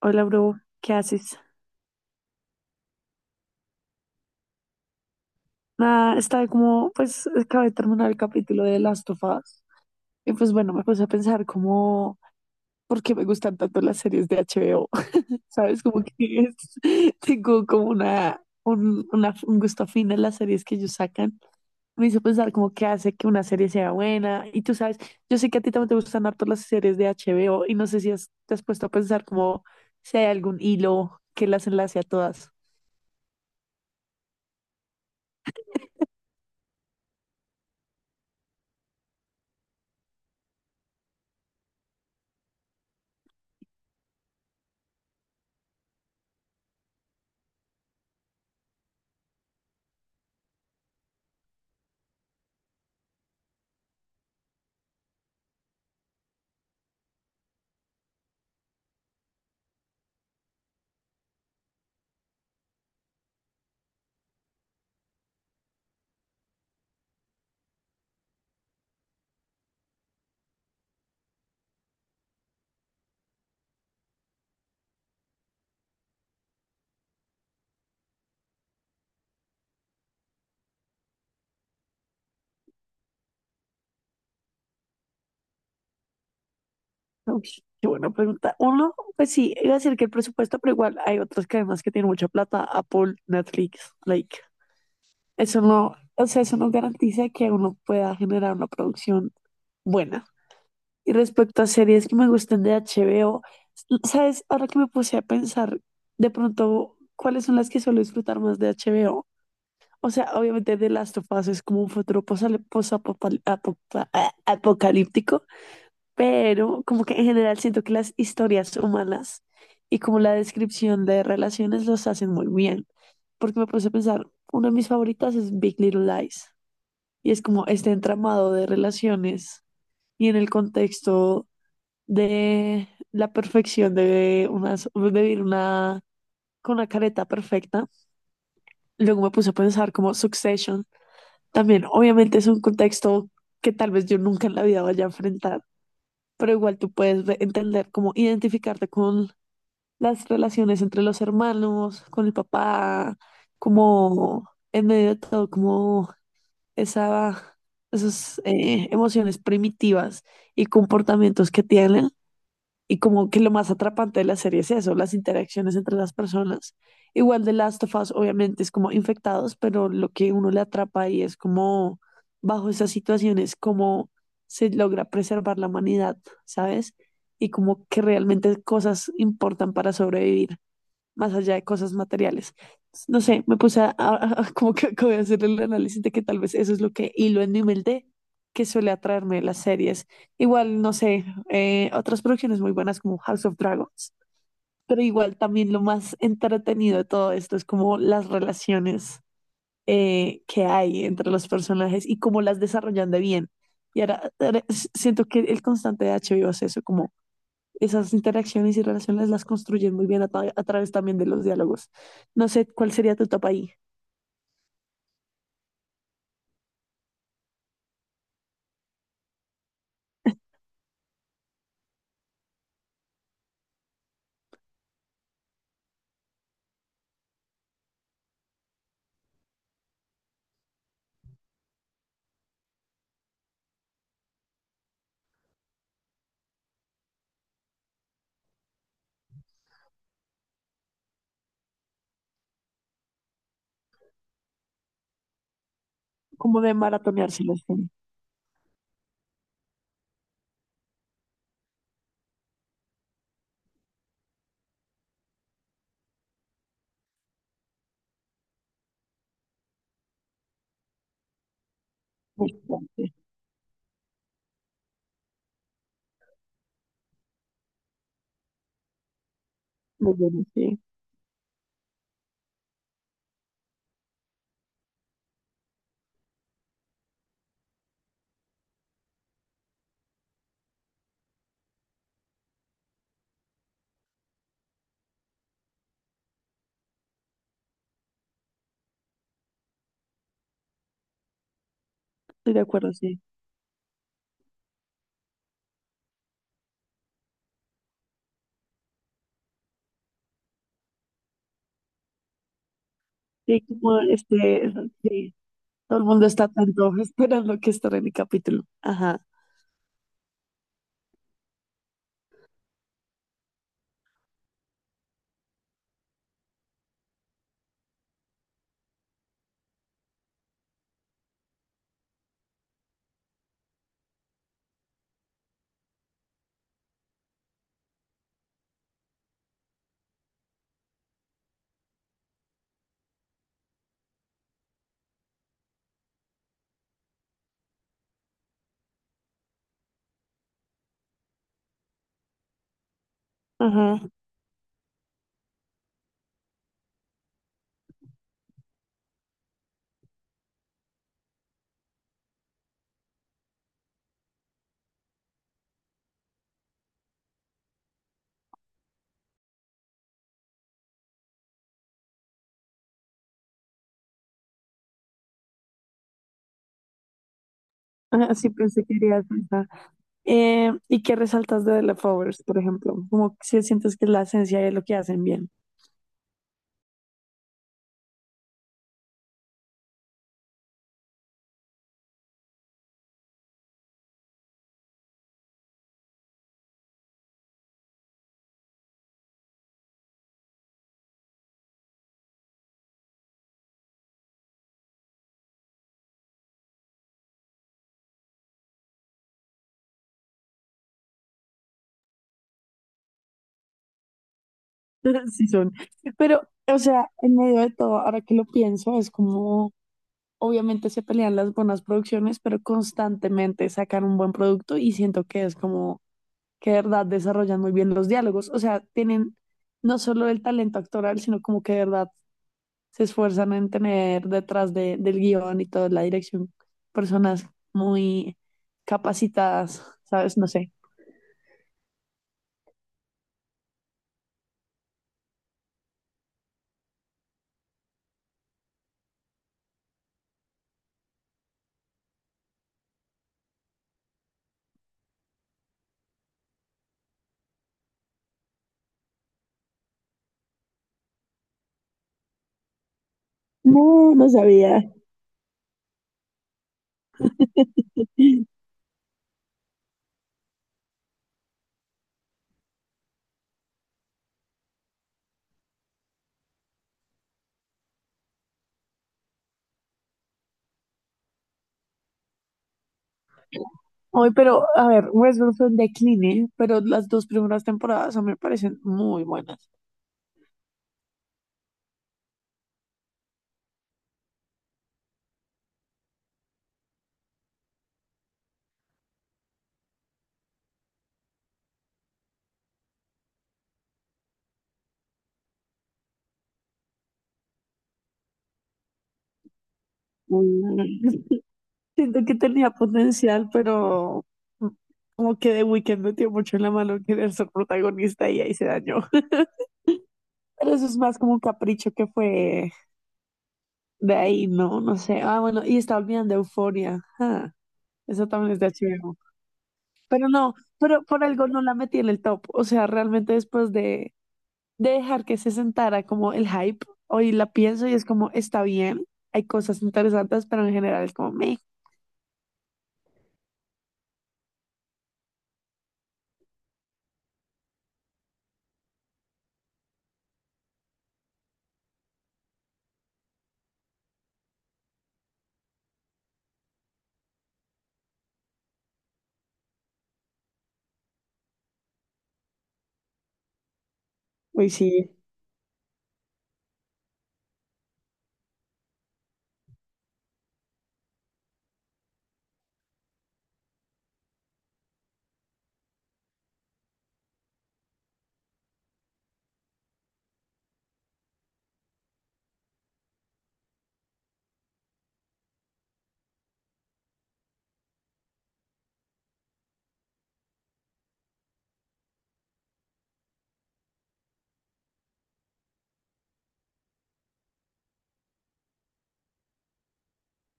Hola, bro, ¿qué haces? Nada, estaba como, pues, acabé de terminar el capítulo de Last of Us. Y pues bueno, me puse a pensar como, ¿por qué me gustan tanto las series de HBO? ¿Sabes? Como que es- tengo como un gusto afín en las series que ellos sacan. Me hizo pensar como qué hace que una serie sea buena. Y tú sabes, yo sé que a ti también te gustan harto las series de HBO y no sé si te has puesto a pensar como si hay algún hilo que las enlace a todas. Uy, qué buena pregunta. Uno, pues sí, iba a decir que el presupuesto, pero igual hay otras cadenas que tienen mucha plata, Apple, Netflix, like, eso no, o sea, eso no garantiza que uno pueda generar una producción buena. Y respecto a series que me gustan de HBO, ¿sabes? Ahora que me puse a pensar, de pronto, ¿cuáles son las que suelo disfrutar más de HBO? O sea, obviamente The Last of Us es como un futuro apocalíptico, pero como que en general siento que las historias humanas y como la descripción de relaciones los hacen muy bien, porque me puse a pensar, una de mis favoritas es Big Little Lies, y es como este entramado de relaciones y en el contexto de la perfección de vivir una, con una careta perfecta. Luego me puse a pensar como Succession, también obviamente es un contexto que tal vez yo nunca en la vida vaya a enfrentar pero igual tú puedes entender cómo identificarte con las relaciones entre los hermanos, con el papá, como en medio de todo, como esa, esas emociones primitivas y comportamientos que tienen. Y como que lo más atrapante de la serie es eso, las interacciones entre las personas. Igual de Last of Us, obviamente, es como infectados, pero lo que uno le atrapa ahí es como, bajo esas situaciones, cómo se logra preservar la humanidad, ¿sabes? Y como que realmente cosas importan para sobrevivir más allá de cosas materiales. No sé, me puse a como que acabé de hacer el análisis de que tal vez eso es lo que hilo en mi humildad que suele atraerme las series. Igual, no sé, otras producciones muy buenas como House of Dragons, pero igual también lo más entretenido de todo esto es como las relaciones que hay entre los personajes y cómo las desarrollan de bien. Y ahora siento que el constante de HBO es eso, como esas interacciones y relaciones las construyen muy bien a través también de los diálogos. No sé cuál sería tu etapa ahí, como de maratoneárselas. Con- bastante, muy bueno, sí, estoy de acuerdo, sí. Sí, como este, sí, todo el mundo está tanto esperando que estaré mi capítulo. Ajá, ajá, ajá, sí pensé que irías por esa. ¿Y qué resaltas de The Leftovers, por ejemplo? Como si sientes que es la esencia de lo que hacen bien. Sí son. Pero, o sea, en medio de todo, ahora que lo pienso, es como, obviamente se pelean las buenas producciones, pero constantemente sacan un buen producto y siento que es como que de verdad desarrollan muy bien los diálogos. O sea, tienen no solo el talento actoral, sino como que de verdad se esfuerzan en tener detrás del guión y toda la dirección personas muy capacitadas, ¿sabes? No sé. No, no sabía. Hoy, pero a ver, Westworld fue un decline, pero las dos primeras temporadas a mí me parecen muy buenas. Mm, Siento que tenía potencial, pero mm, como que The Weeknd metió mucho en la mano querer ser protagonista y ahí se dañó. Pero eso es más como un capricho que fue de ahí, ¿no? No sé. Ah, bueno, y estaba olvidando Euforia. Ah, eso también es de HBO. Pero no, pero por algo no la metí en el top. O sea, realmente después de dejar que se sentara como el hype. Hoy la pienso y es como, está bien, hay cosas interesantes, pero en general es como, me. Uy, sí.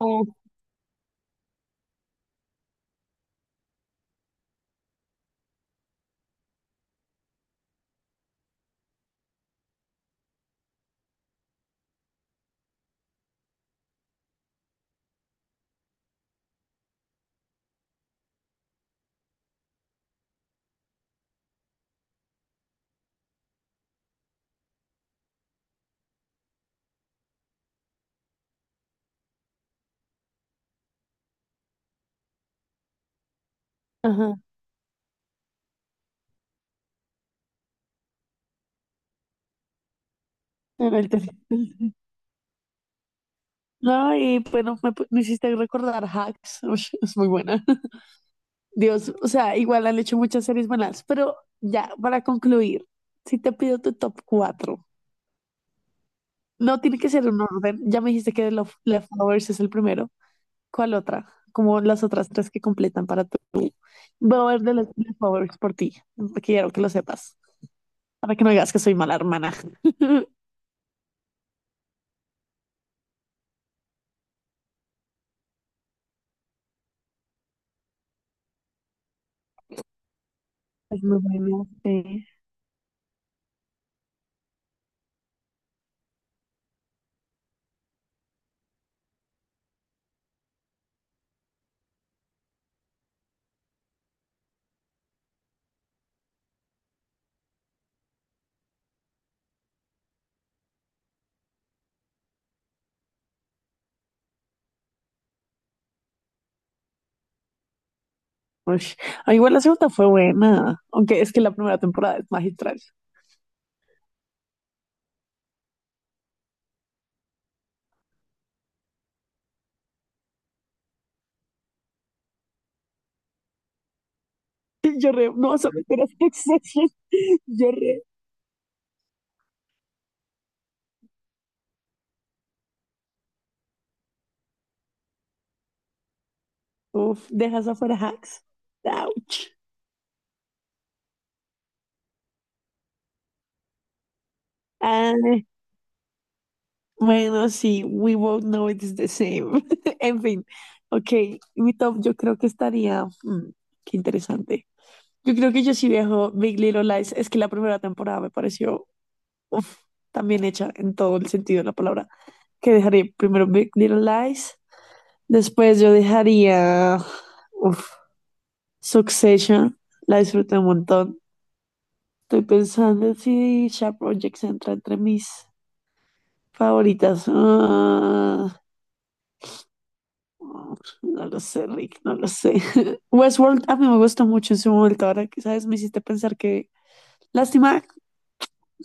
Oh, ajá. en el tele- No, y bueno, me hiciste recordar Hacks, ush, es muy buena. Dios, o sea, igual han hecho muchas series buenas, pero ya, para concluir, si te pido tu top 4 no tiene que ser un orden, ya me dijiste que Leftovers es el primero. ¿Cuál otra? Como las otras tres que completan para tu. Voy a ver de los de favoritos por ti. Quiero que lo sepas. Para que no digas que soy mala hermana. Es muy buena. Sí. Ush. Ah, igual la segunda fue buena. Aunque es que la primera temporada es magistral. Yo re. No vas a meter a Succession. Yo re. Uf, dejas afuera hacks. Ouch. Ah, bueno, sí. We both know it's the same. En fin. Ok. Mi top yo creo que estaría. Qué interesante. Yo creo que yo sí viajo Big Little Lies. Es que la primera temporada me pareció uf, tan bien hecha en todo el sentido de la palabra. Que dejaría primero Big Little Lies. Después yo dejaría uf, Succession. La disfruté un montón. Estoy pensando si Sharp Objects entra entre mis favoritas. Ah, no lo sé, Rick, no lo sé. Westworld a mí me gustó mucho en su momento. Ahora que sabes, me hiciste pensar que. Lástima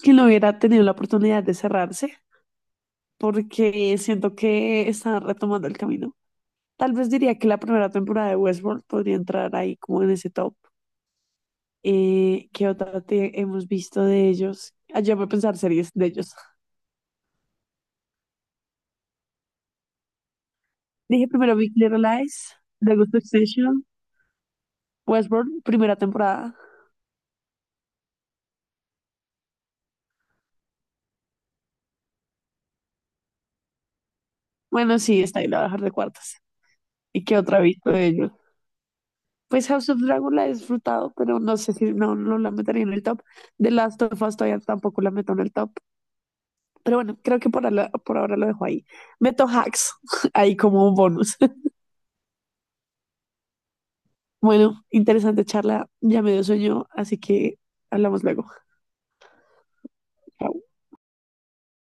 que no hubiera tenido la oportunidad de cerrarse, porque siento que están retomando el camino. Tal vez diría que la primera temporada de Westworld podría entrar ahí como en ese top. ¿Qué otra te hemos visto de ellos? Ayer voy a pensar series de ellos. Dije primero Big Little Lies, The Succession, Westworld, primera temporada. Bueno, sí, está ahí, la voy a dejar de cuartas. ¿Y qué otra he visto de ellos? Pues House of Dragon la he disfrutado, pero no sé si no, no la metería en el top. The Last of Us todavía tampoco la meto en el top. Pero bueno, creo que por ahora lo dejo ahí. Meto hacks ahí como un bonus. Bueno, interesante charla. Ya me dio sueño, así que hablamos luego. Chao.